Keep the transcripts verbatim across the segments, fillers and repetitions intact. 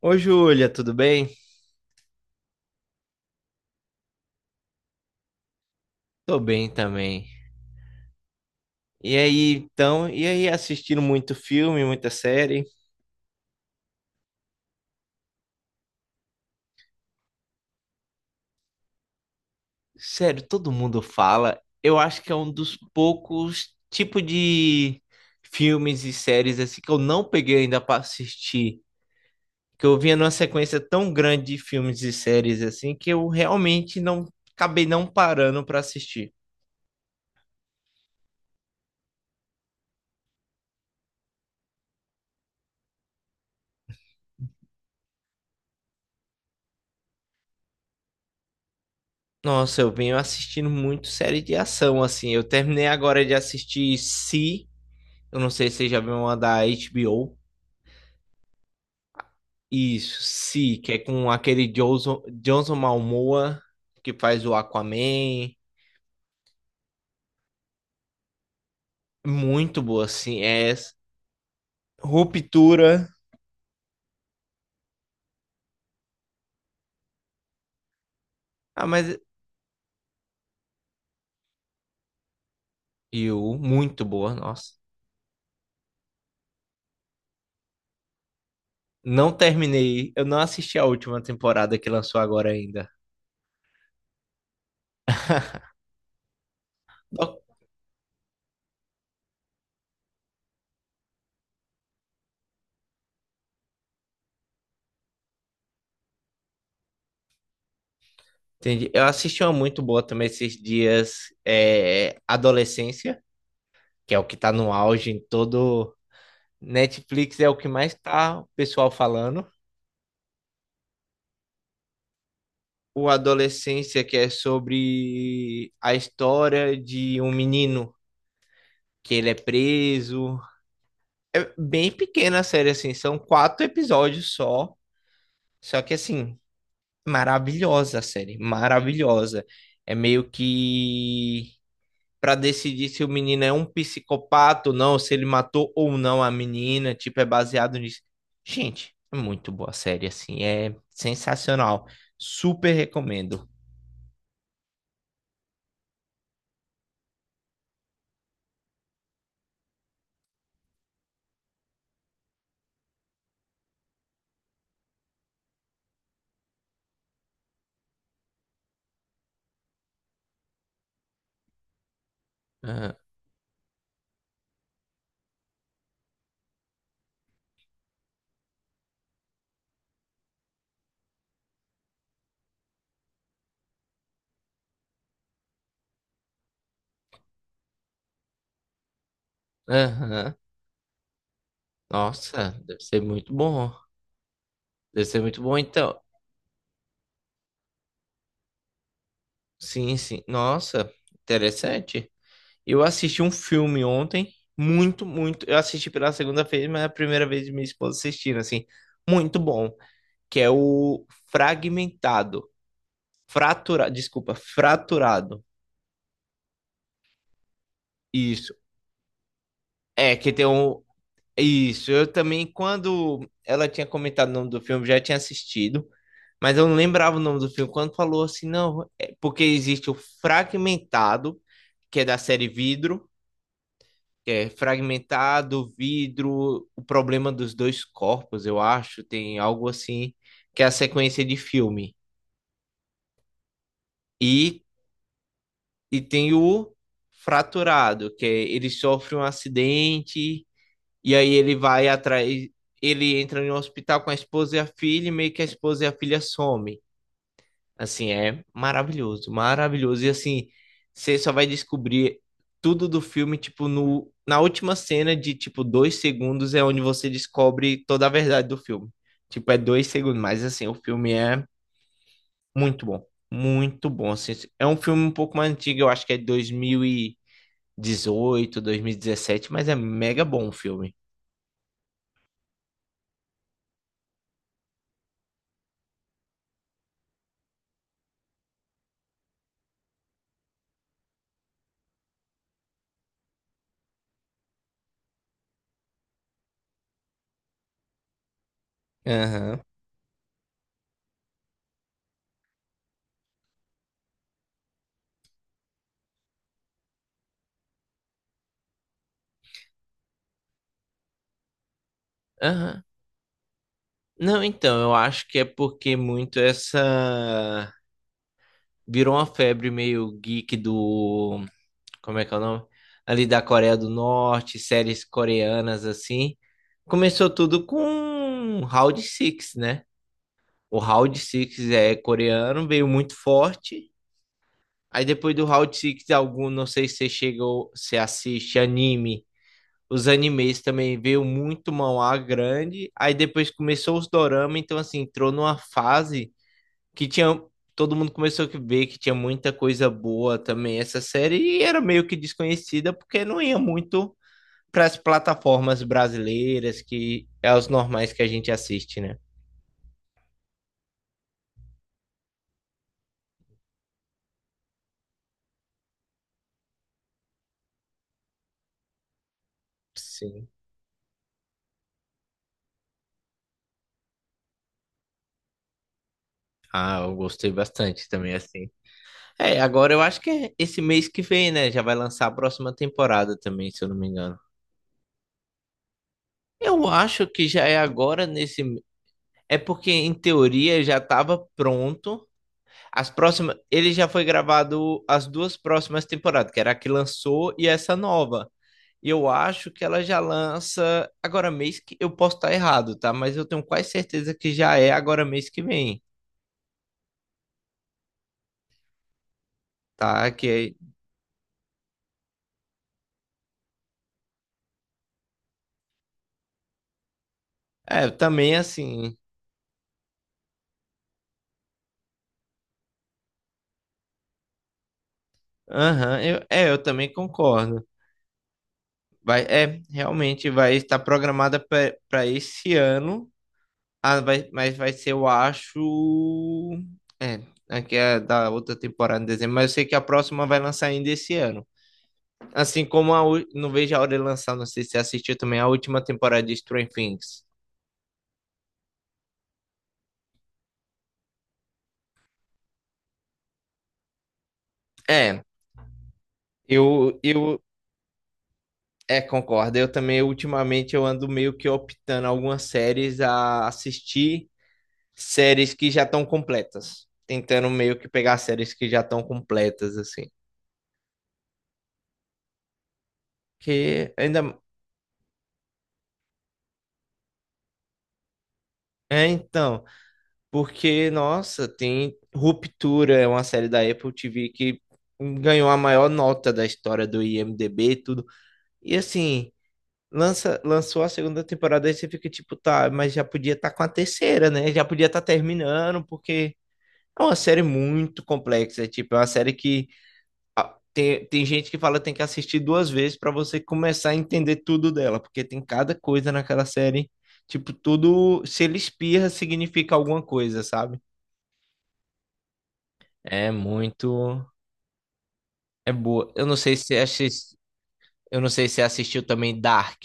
Ô, Júlia, tudo bem? Tô bem também. E aí, então, e aí, assistindo muito filme, muita série? Sério, todo mundo fala. Eu acho que é um dos poucos tipos de filmes e séries assim que eu não peguei ainda pra assistir. Que eu vinha numa sequência tão grande de filmes e séries assim que eu realmente não acabei não parando pra assistir. Nossa, eu venho assistindo muito série de ação assim. Eu terminei agora de assistir Si Eu não sei se já viu uma da H B O. Isso, sim, que é com aquele Johnson, Johnson Momoa que faz o Aquaman. Muito boa, sim. É essa. Ruptura. Ah, mas e o muito boa, nossa. Não terminei, eu não assisti a última temporada que lançou agora ainda. Ó, entendi. Eu assisti uma muito boa também esses dias, é, Adolescência, que é o que tá no auge em todo Netflix, é o que mais tá o pessoal falando. O Adolescência, que é sobre a história de um menino que ele é preso. É bem pequena a série, assim, são quatro episódios só. Só que, assim, maravilhosa a série, maravilhosa. É meio que para decidir se o menino é um psicopata ou não, se ele matou ou não a menina, tipo, é baseado nisso. Gente, é muito boa a série, assim, é sensacional. Super recomendo. Aham, aham. Nossa, deve ser muito bom. Deve ser muito bom, então. Sim, sim. Nossa, interessante. Eu assisti um filme ontem, muito, muito. Eu assisti pela segunda vez, mas é a primeira vez de minha esposa assistindo, assim. Muito bom. Que é o Fragmentado. Fraturado. Desculpa, Fraturado. Isso. É, que tem um. Isso, eu também, quando ela tinha comentado o nome do filme, já tinha assistido, mas eu não lembrava o nome do filme. Quando falou assim, não, é porque existe o Fragmentado, que é da série Vidro, que é Fragmentado, Vidro, o problema dos dois corpos, eu acho, tem algo assim, que é a sequência de filme. E, e tem o Fraturado, que é, ele sofre um acidente. E aí ele vai atrás, ele entra em um hospital com a esposa e a filha, e meio que a esposa e a filha somem. Assim, é maravilhoso, maravilhoso. E assim, você só vai descobrir tudo do filme, tipo, no, na última cena de, tipo, dois segundos é onde você descobre toda a verdade do filme. Tipo, é dois segundos, mas assim, o filme é muito bom, muito bom. Assim, é um filme um pouco mais antigo, eu acho que é dois dois mil mil e dezoito, dois mil e dezessete, mas é mega bom o filme. Aham. Aham. Não, então, eu acho que é porque muito essa. Virou uma febre meio geek do. Como é que é o nome? Ali da Coreia do Norte, séries coreanas assim. Começou tudo com Round Six, né? O Round Six é coreano, veio muito forte. Aí depois do Round Six algum, não sei se você chegou, se assiste anime. Os animes também veio muito manhwa grande. Aí depois começou os dorama, então assim, entrou numa fase que tinha. Todo mundo começou a ver que tinha muita coisa boa também essa série e era meio que desconhecida porque não ia muito para as plataformas brasileiras que é os normais que a gente assiste, né? Sim. Ah, eu gostei bastante também, assim. É, agora eu acho que é esse mês que vem, né? Já vai lançar a próxima temporada também, se eu não me engano. Eu acho que já é agora nesse. É porque, em teoria, já estava pronto. As próximas, ele já foi gravado as duas próximas temporadas, que era a que lançou e essa nova. E eu acho que ela já lança agora mês que eu posso estar errado, tá? Mas eu tenho quase certeza que já é agora mês que vem, tá? Que é, é, também assim. Aham, eu, é, eu também concordo. Vai, é, realmente vai estar programada para esse ano, ah, vai, mas vai ser, eu acho, é, aqui é da outra temporada em dezembro, mas eu sei que a próxima vai lançar ainda esse ano. Assim como a, u- não vejo a hora de lançar, não sei se você assistiu também a última temporada de Stranger Things. É, eu, eu é, concordo. Eu também, ultimamente, eu ando meio que optando algumas séries a assistir séries que já estão completas. Tentando meio que pegar séries que já estão completas, assim. Que ainda. É, então, porque, nossa, tem Ruptura, é uma série da Apple T V que ganhou a maior nota da história do I M D B e tudo. E assim, lança, lançou a segunda temporada e você fica tipo, tá, mas já podia estar com a terceira, né? Já podia estar terminando, porque é uma série muito complexa. É, tipo, é uma série que ah, tem, tem gente que fala que tem que assistir duas vezes para você começar a entender tudo dela, porque tem cada coisa naquela série. Tipo, tudo, se ele espirra, significa alguma coisa, sabe? É muito. É boa. Eu não sei se assis- eu não sei se você assistiu também Dark.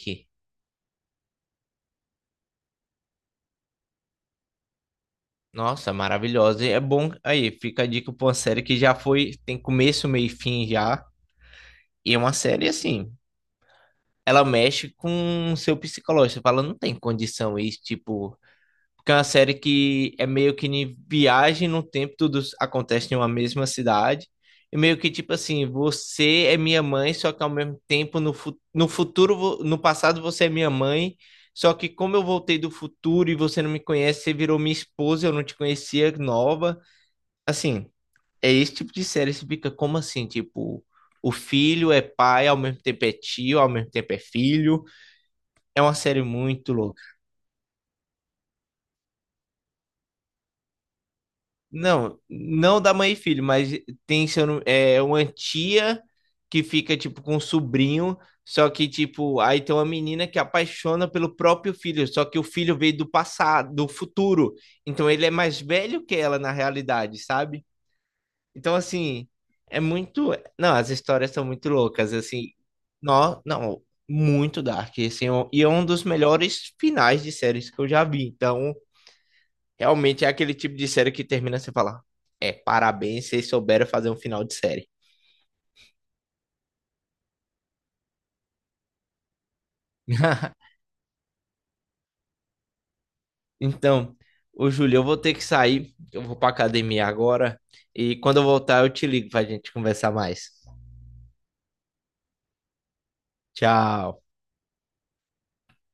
Nossa, maravilhosa. E é bom. Aí, fica a dica pra uma série que já foi, tem começo, meio e fim já. E é uma série assim. Ela mexe com o seu psicológico. Você fala, não tem condição isso, tipo. Porque é uma série que é meio que em viagem no tempo, tudo acontece em uma mesma cidade. E meio que tipo assim, você é minha mãe, só que ao mesmo tempo no, fu- no futuro, vo- no passado você é minha mãe. Só que como eu voltei do futuro e você não me conhece, você virou minha esposa, eu não te conhecia, nova. Assim, é esse tipo de série, você fica como assim, tipo, o filho é pai, ao mesmo tempo é tio, ao mesmo tempo é filho. É uma série muito louca. Não, não da mãe e filho, mas tem seu, nu- é uma tia que fica tipo com um sobrinho, só que tipo, aí tem uma menina que apaixona pelo próprio filho, só que o filho veio do passado, do futuro. Então ele é mais velho que ela na realidade, sabe? Então, assim, é muito. Não, as histórias são muito loucas, assim. Não, não, muito dark, assim, é um- e é um dos melhores finais de séries que eu já vi. Então, realmente é aquele tipo de série que termina sem falar. É, parabéns, vocês souberam fazer um final de série. Então, ô Júlio, eu vou ter que sair, eu vou pra academia agora, e quando eu voltar eu te ligo pra gente conversar mais. Tchau.